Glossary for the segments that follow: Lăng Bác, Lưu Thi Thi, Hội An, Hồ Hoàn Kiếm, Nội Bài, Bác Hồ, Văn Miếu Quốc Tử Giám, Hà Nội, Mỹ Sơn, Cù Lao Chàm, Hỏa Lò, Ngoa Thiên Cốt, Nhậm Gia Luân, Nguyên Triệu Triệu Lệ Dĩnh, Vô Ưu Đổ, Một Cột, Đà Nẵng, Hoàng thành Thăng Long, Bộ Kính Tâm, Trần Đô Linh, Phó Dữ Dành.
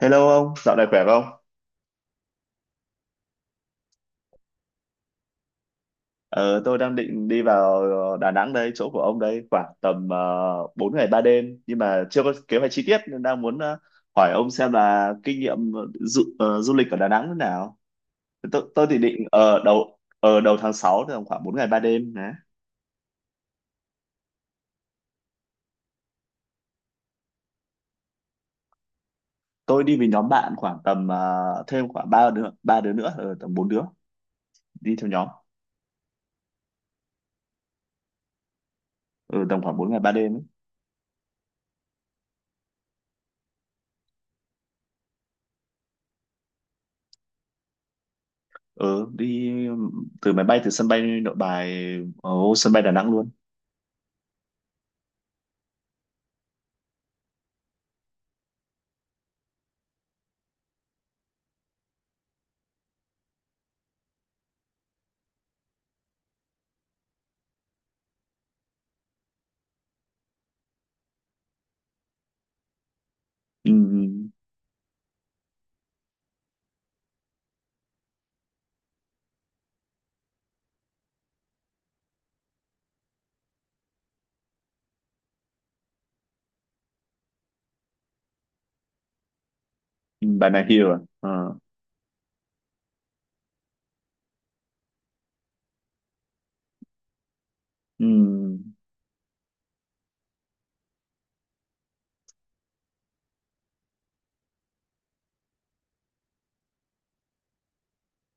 Hello ông, dạo này khỏe không? Ờ, tôi đang định đi vào Đà Nẵng đây, chỗ của ông đây, khoảng tầm 4 ngày 3 đêm, nhưng mà chưa có kế hoạch chi tiết nên đang muốn hỏi ông xem là kinh nghiệm du lịch ở Đà Nẵng thế nào. Tôi thì định ở đầu tháng 6, thì khoảng 4 ngày 3 đêm đấy. Tôi đi với nhóm bạn khoảng tầm thêm khoảng ba đứa nữa, tầm 4 đứa đi theo nhóm. Ừ, tầm khoảng 4 ngày 3 đêm ấy. Ừ, đi từ sân bay Nội Bài, ở sân bay Đà Nẵng luôn. Ừ. Ừ. Ừ, bạn nào hiểu à? Ờ. Ừ.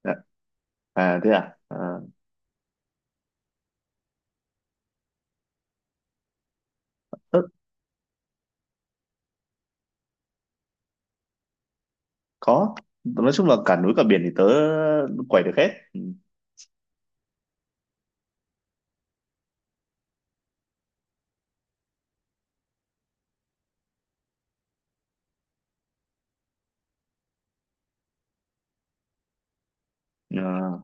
Dạ. À thế à? À, ớ, có. Nói chung là cả núi cả biển thì tớ quẩy được hết. Ừ. Ờ.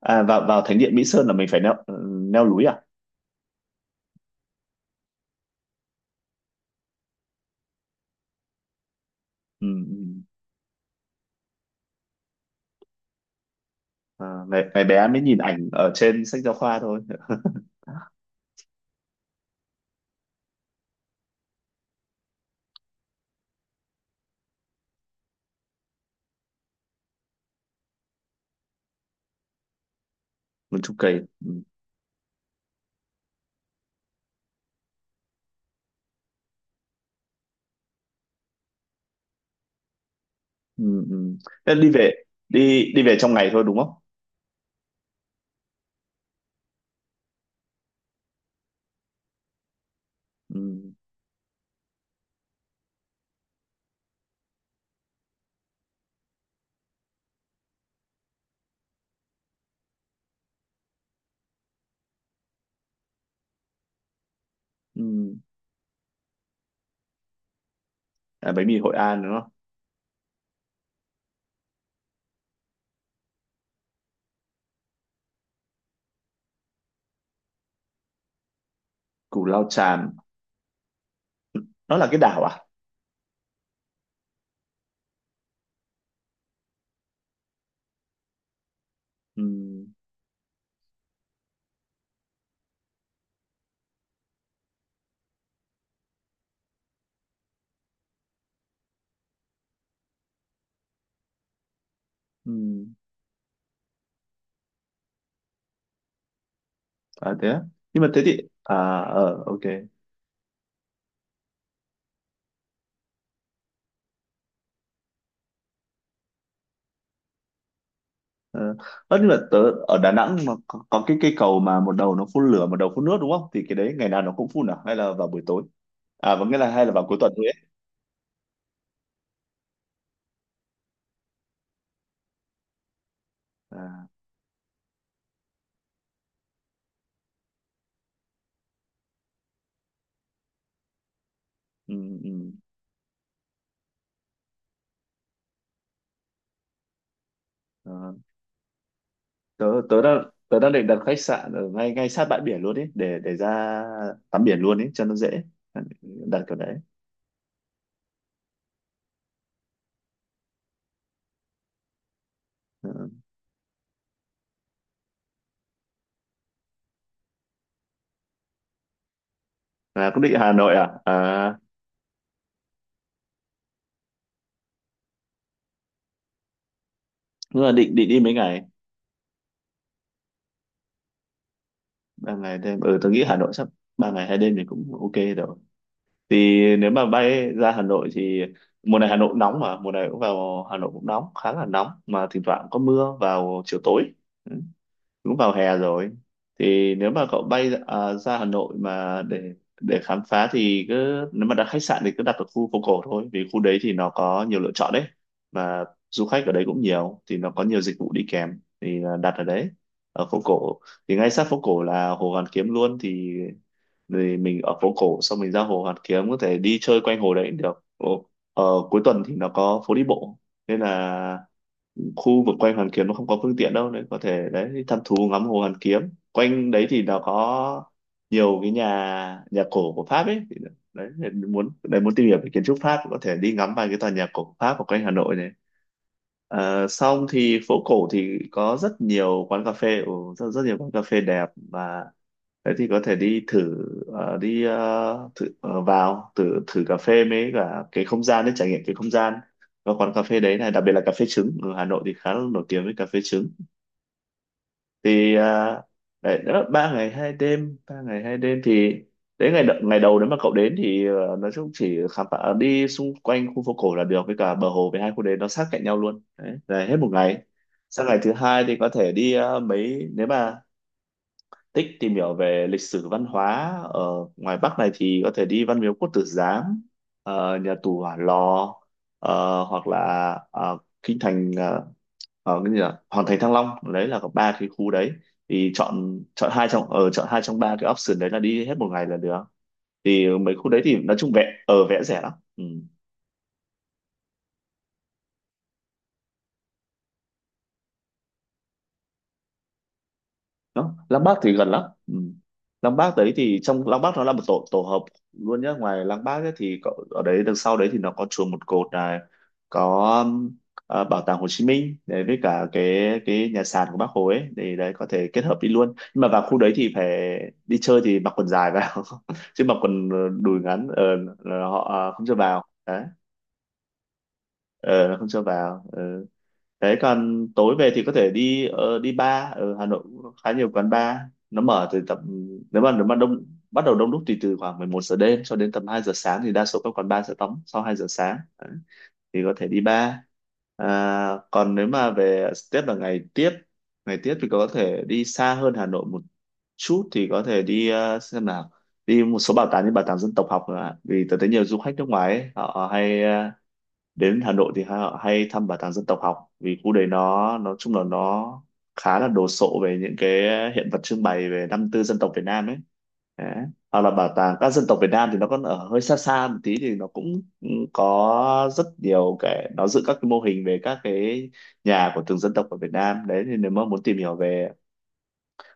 À, vào vào thánh điện Mỹ Sơn là mình phải leo leo núi à? Ừ. Ừ. À, ngày bé mới nhìn ảnh ở trên sách giáo khoa thôi. Mình trông cầy. Ừ. Ừ. Ừ. Thế đi về trong ngày thôi đúng không? Ừ. Ừ. À, bánh mì Hội An đúng không? Cù Lao Chàm. Nó là cái đảo à? Ừ. Ừ. À thế á, nhưng mà thế thì, à ok ờ Ơ, nhưng mà tớ ở Đà Nẵng mà có cái cây cầu mà một đầu nó phun lửa, một đầu phun nước đúng không, thì cái đấy ngày nào nó cũng phun à, hay là vào buổi tối, vẫn nghĩa là hay là vào cuối tuần thôi ấy à? Ừ. Ừ. Ờ, tớ tớ đang định đặt khách sạn ở ngay ngay sát bãi biển luôn ấy để ra tắm biển luôn ấy cho nó dễ, đặt kiểu đấy. Ờ. À, cũng định Hà Nội à? À, nhưng mà định định đi mấy ngày? Ba ngày thêm, ừ, tớ nghĩ Hà Nội sắp... 3 ngày 2 đêm thì cũng ok rồi. Thì nếu mà bay ra Hà Nội thì mùa này Hà Nội cũng nóng, mà mùa này cũng vào Hà Nội cũng nóng khá là nóng, mà thỉnh thoảng có mưa vào chiều tối. Ừ, cũng vào hè rồi. Thì nếu mà cậu bay ra Hà Nội mà để khám phá thì cứ, nếu mà đặt khách sạn thì cứ đặt ở khu phố cổ thôi, vì khu đấy thì nó có nhiều lựa chọn đấy, và du khách ở đấy cũng nhiều thì nó có nhiều dịch vụ đi kèm, thì là đặt ở đấy, ở phố cổ. Thì ngay sát phố cổ là Hồ Hoàn Kiếm luôn, thì mình ở phố cổ xong mình ra Hồ Hoàn Kiếm có thể đi chơi quanh hồ đấy cũng được. Ồ, ở cuối tuần thì nó có phố đi bộ, nên là khu vực quanh Hoàn Kiếm nó không có phương tiện đâu, nên có thể đấy thăm thú ngắm hồ Hoàn Kiếm. Quanh đấy thì nó có nhiều cái nhà nhà cổ của Pháp ấy. Thì đấy, thì muốn đấy muốn tìm hiểu về kiến trúc Pháp có thể đi ngắm vài cái tòa nhà cổ của Pháp ở quanh Hà Nội này. Ờ, xong thì phố cổ thì có rất nhiều quán cà phê, ừ, rất, rất nhiều quán cà phê đẹp, và thế thì có thể đi thử ờ, đi ờ, thử ờ, vào thử thử cà phê mới cả cái không gian đấy, trải nghiệm cái không gian, có quán cà phê đấy này, đặc biệt là cà phê trứng ở Hà Nội thì khá là nổi tiếng với cà phê trứng. Thì đấy, đó, ba ngày hai đêm thì đến ngày đầu nếu mà cậu đến thì nói chung chỉ khám phá đi xung quanh khu phố cổ là được với cả bờ hồ, với hai khu đấy nó sát cạnh nhau luôn đấy là hết một ngày. Sang ngày thứ hai thì có thể đi mấy, nếu mà thích tìm hiểu về lịch sử văn hóa ở ngoài Bắc này thì có thể đi Văn Miếu Quốc Tử Giám, nhà tù Hỏa Lò, hoặc là ờ, kinh thành ờ, ờ, cái gì nhỉ? Hoàng thành Thăng Long, đấy là có ba cái khu đấy, thì chọn chọn hai trong ở chọn hai trong ba cái option đấy là đi hết một ngày là được. Thì mấy khu đấy thì nói chung vẽ rẻ lắm. Ừ. Đó, Lăng Bác thì gần lắm. Ừ. Lăng Bác đấy thì trong Lăng Bác nó là một tổ tổ hợp luôn nhé, ngoài Lăng Bác ấy thì có, ở đấy đằng sau đấy thì nó có chùa Một Cột này, có bảo tàng Hồ Chí Minh đấy, với cả cái nhà sàn của Bác Hồ ấy, thì đấy có thể kết hợp đi luôn, nhưng mà vào khu đấy thì phải đi chơi thì mặc quần dài vào chứ mặc quần đùi ngắn là họ không cho vào đấy, ờ là không cho vào. Ờ. Thế còn tối về thì có thể đi đi bar ở Hà Nội, cũng khá nhiều quán bar. Nó mở từ tầm, nếu mà đông bắt đầu đông đúc, thì từ khoảng 11 giờ đêm cho đến tầm 2 giờ sáng, thì đa số các quán bar sẽ đóng sau 2 giờ sáng. Đấy, thì có thể đi bar. à, Còn nếu mà về tiếp là ngày tiếp, thì có thể đi xa hơn Hà Nội một chút, thì có thể đi xem nào, đi một số bảo tàng như bảo tàng dân tộc học nữa ạ, vì tôi thấy nhiều du khách nước ngoài ấy, họ hay đến Hà Nội thì hay thăm bảo tàng dân tộc học, vì khu đấy nó nói chung là nó khá là đồ sộ về những cái hiện vật trưng bày về 54 dân tộc Việt Nam ấy, đấy. Hoặc là bảo tàng các dân tộc Việt Nam thì nó còn ở hơi xa xa một tí, thì nó cũng có rất nhiều cái, nó giữ các cái mô hình về các cái nhà của từng dân tộc ở Việt Nam đấy, thì nếu mà muốn tìm hiểu về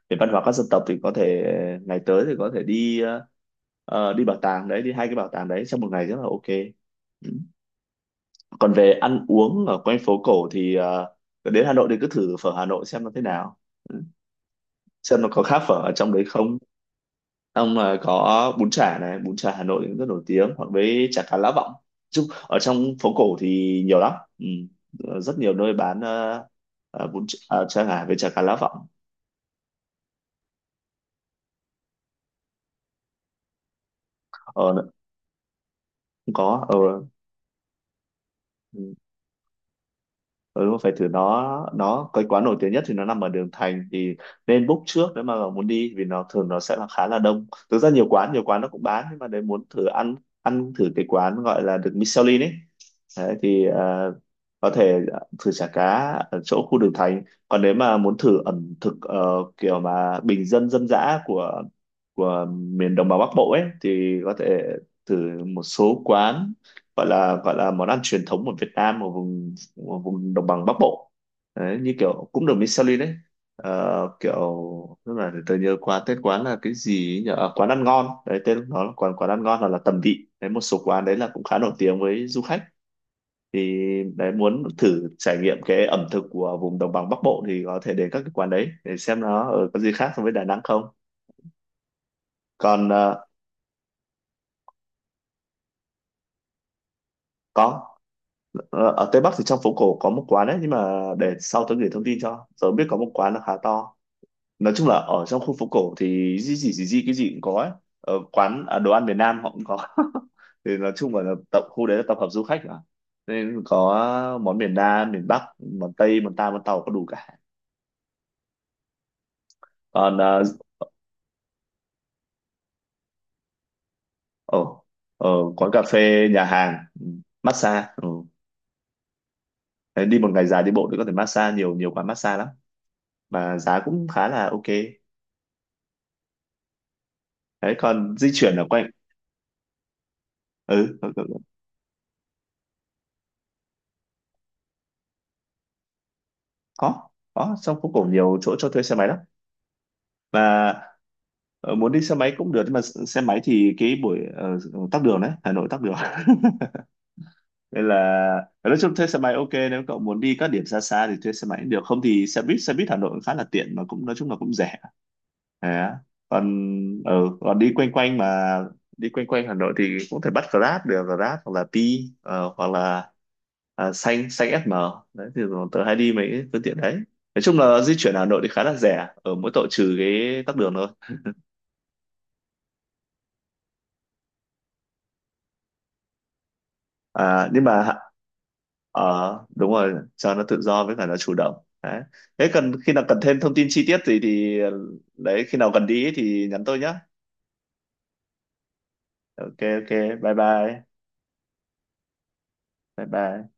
về văn hóa các dân tộc thì có thể ngày tới thì có thể đi đi bảo tàng đấy, đi hai cái bảo tàng đấy trong một ngày rất là ok. Ừ. Còn về ăn uống ở quanh phố cổ thì đến Hà Nội thì cứ thử phở Hà Nội xem nó thế nào. Ừ, xem nó có khác phở ở trong đấy không. Ông là có bún chả này, bún chả Hà Nội cũng rất nổi tiếng, hoặc với chả cá lá vọng. Chung ở trong phố cổ thì nhiều lắm. Ừ. Rất nhiều nơi bán bún chả, à, chả ngà với chả cá lá vọng. ờ, Cũng có. Ờ, ừ. Ừ, đúng rồi, phải thử. Nó cái quán nổi tiếng nhất thì nó nằm ở đường Thành, thì nên book trước nếu mà muốn đi, vì nó thường nó sẽ là khá là đông. Thực ra nhiều quán nó cũng bán, nhưng mà đấy muốn thử ăn ăn thử cái quán gọi là được Michelin ấy. Đấy, thì có thể thử chả cá ở chỗ khu đường Thành. Còn nếu mà muốn thử ẩm thực kiểu mà bình dân, dân dã của miền đồng bằng Bắc Bộ ấy, thì có thể thử một số quán, gọi là món ăn truyền thống của Việt Nam ở vùng, của vùng đồng bằng Bắc Bộ. Đấy, như kiểu cũng được Michelin đấy. Ờ, kiểu lúc này để tôi nhớ qua tên quán là cái gì ấy nhỉ. Ờ, quán ăn ngon đấy, tên nó là quán quán ăn ngon hoặc là tầm vị đấy, một số quán đấy là cũng khá nổi tiếng với du khách. Thì đấy muốn thử trải nghiệm cái ẩm thực của vùng đồng bằng Bắc Bộ thì có thể đến các cái quán đấy để xem nó ở có gì khác so với Đà Nẵng không. Còn có. Ờ, ở Tây Bắc thì trong phố cổ có một quán đấy, nhưng mà để sau tôi gửi thông tin cho tớ biết, có một quán là khá to. Nói chung là ở trong khu phố cổ thì gì gì gì gì cái gì cũng có ấy. Ở quán, à, đồ ăn Việt Nam họ cũng có. Thì nói chung là tập khu đấy là tập hợp du khách mà, nên có món miền Nam, miền Bắc, món Tây món ta món Tàu có đủ cả. Còn ở ở quán cà phê, nhà hàng, ừ, massage, ừ. Đấy, đi một ngày dài đi bộ thì có thể massage, nhiều nhiều quán massage lắm, mà giá cũng khá là ok. Đấy, còn di chuyển ở quanh, ừ, có. có có, trong phố cổ nhiều chỗ cho thuê xe máy lắm. Và muốn đi xe máy cũng được, nhưng mà xe máy thì cái buổi tắc đường đấy, Hà Nội tắc đường nên là nói chung thuê xe máy ok, nếu cậu muốn đi các điểm xa xa thì thuê xe máy cũng được, không thì xe buýt, xe buýt Hà Nội cũng khá là tiện mà cũng nói chung là cũng rẻ. Đấy á. Còn ở còn đi quanh quanh mà đi quanh quanh Hà Nội thì cũng thể bắt Grab được, Grab hoặc là Pi hoặc là xanh xanh SM đấy, thì tớ hay đi mấy phương tiện đấy, nói chung là di chuyển Hà Nội thì khá là rẻ ở mỗi tội trừ cái tắc đường thôi. Nhưng mà đúng rồi cho nó tự do với cả nó chủ động đấy. Thế cần khi nào cần thêm thông tin chi tiết gì thì đấy khi nào cần đi thì nhắn tôi nhé. Ok, ok. Bye bye. Bye bye.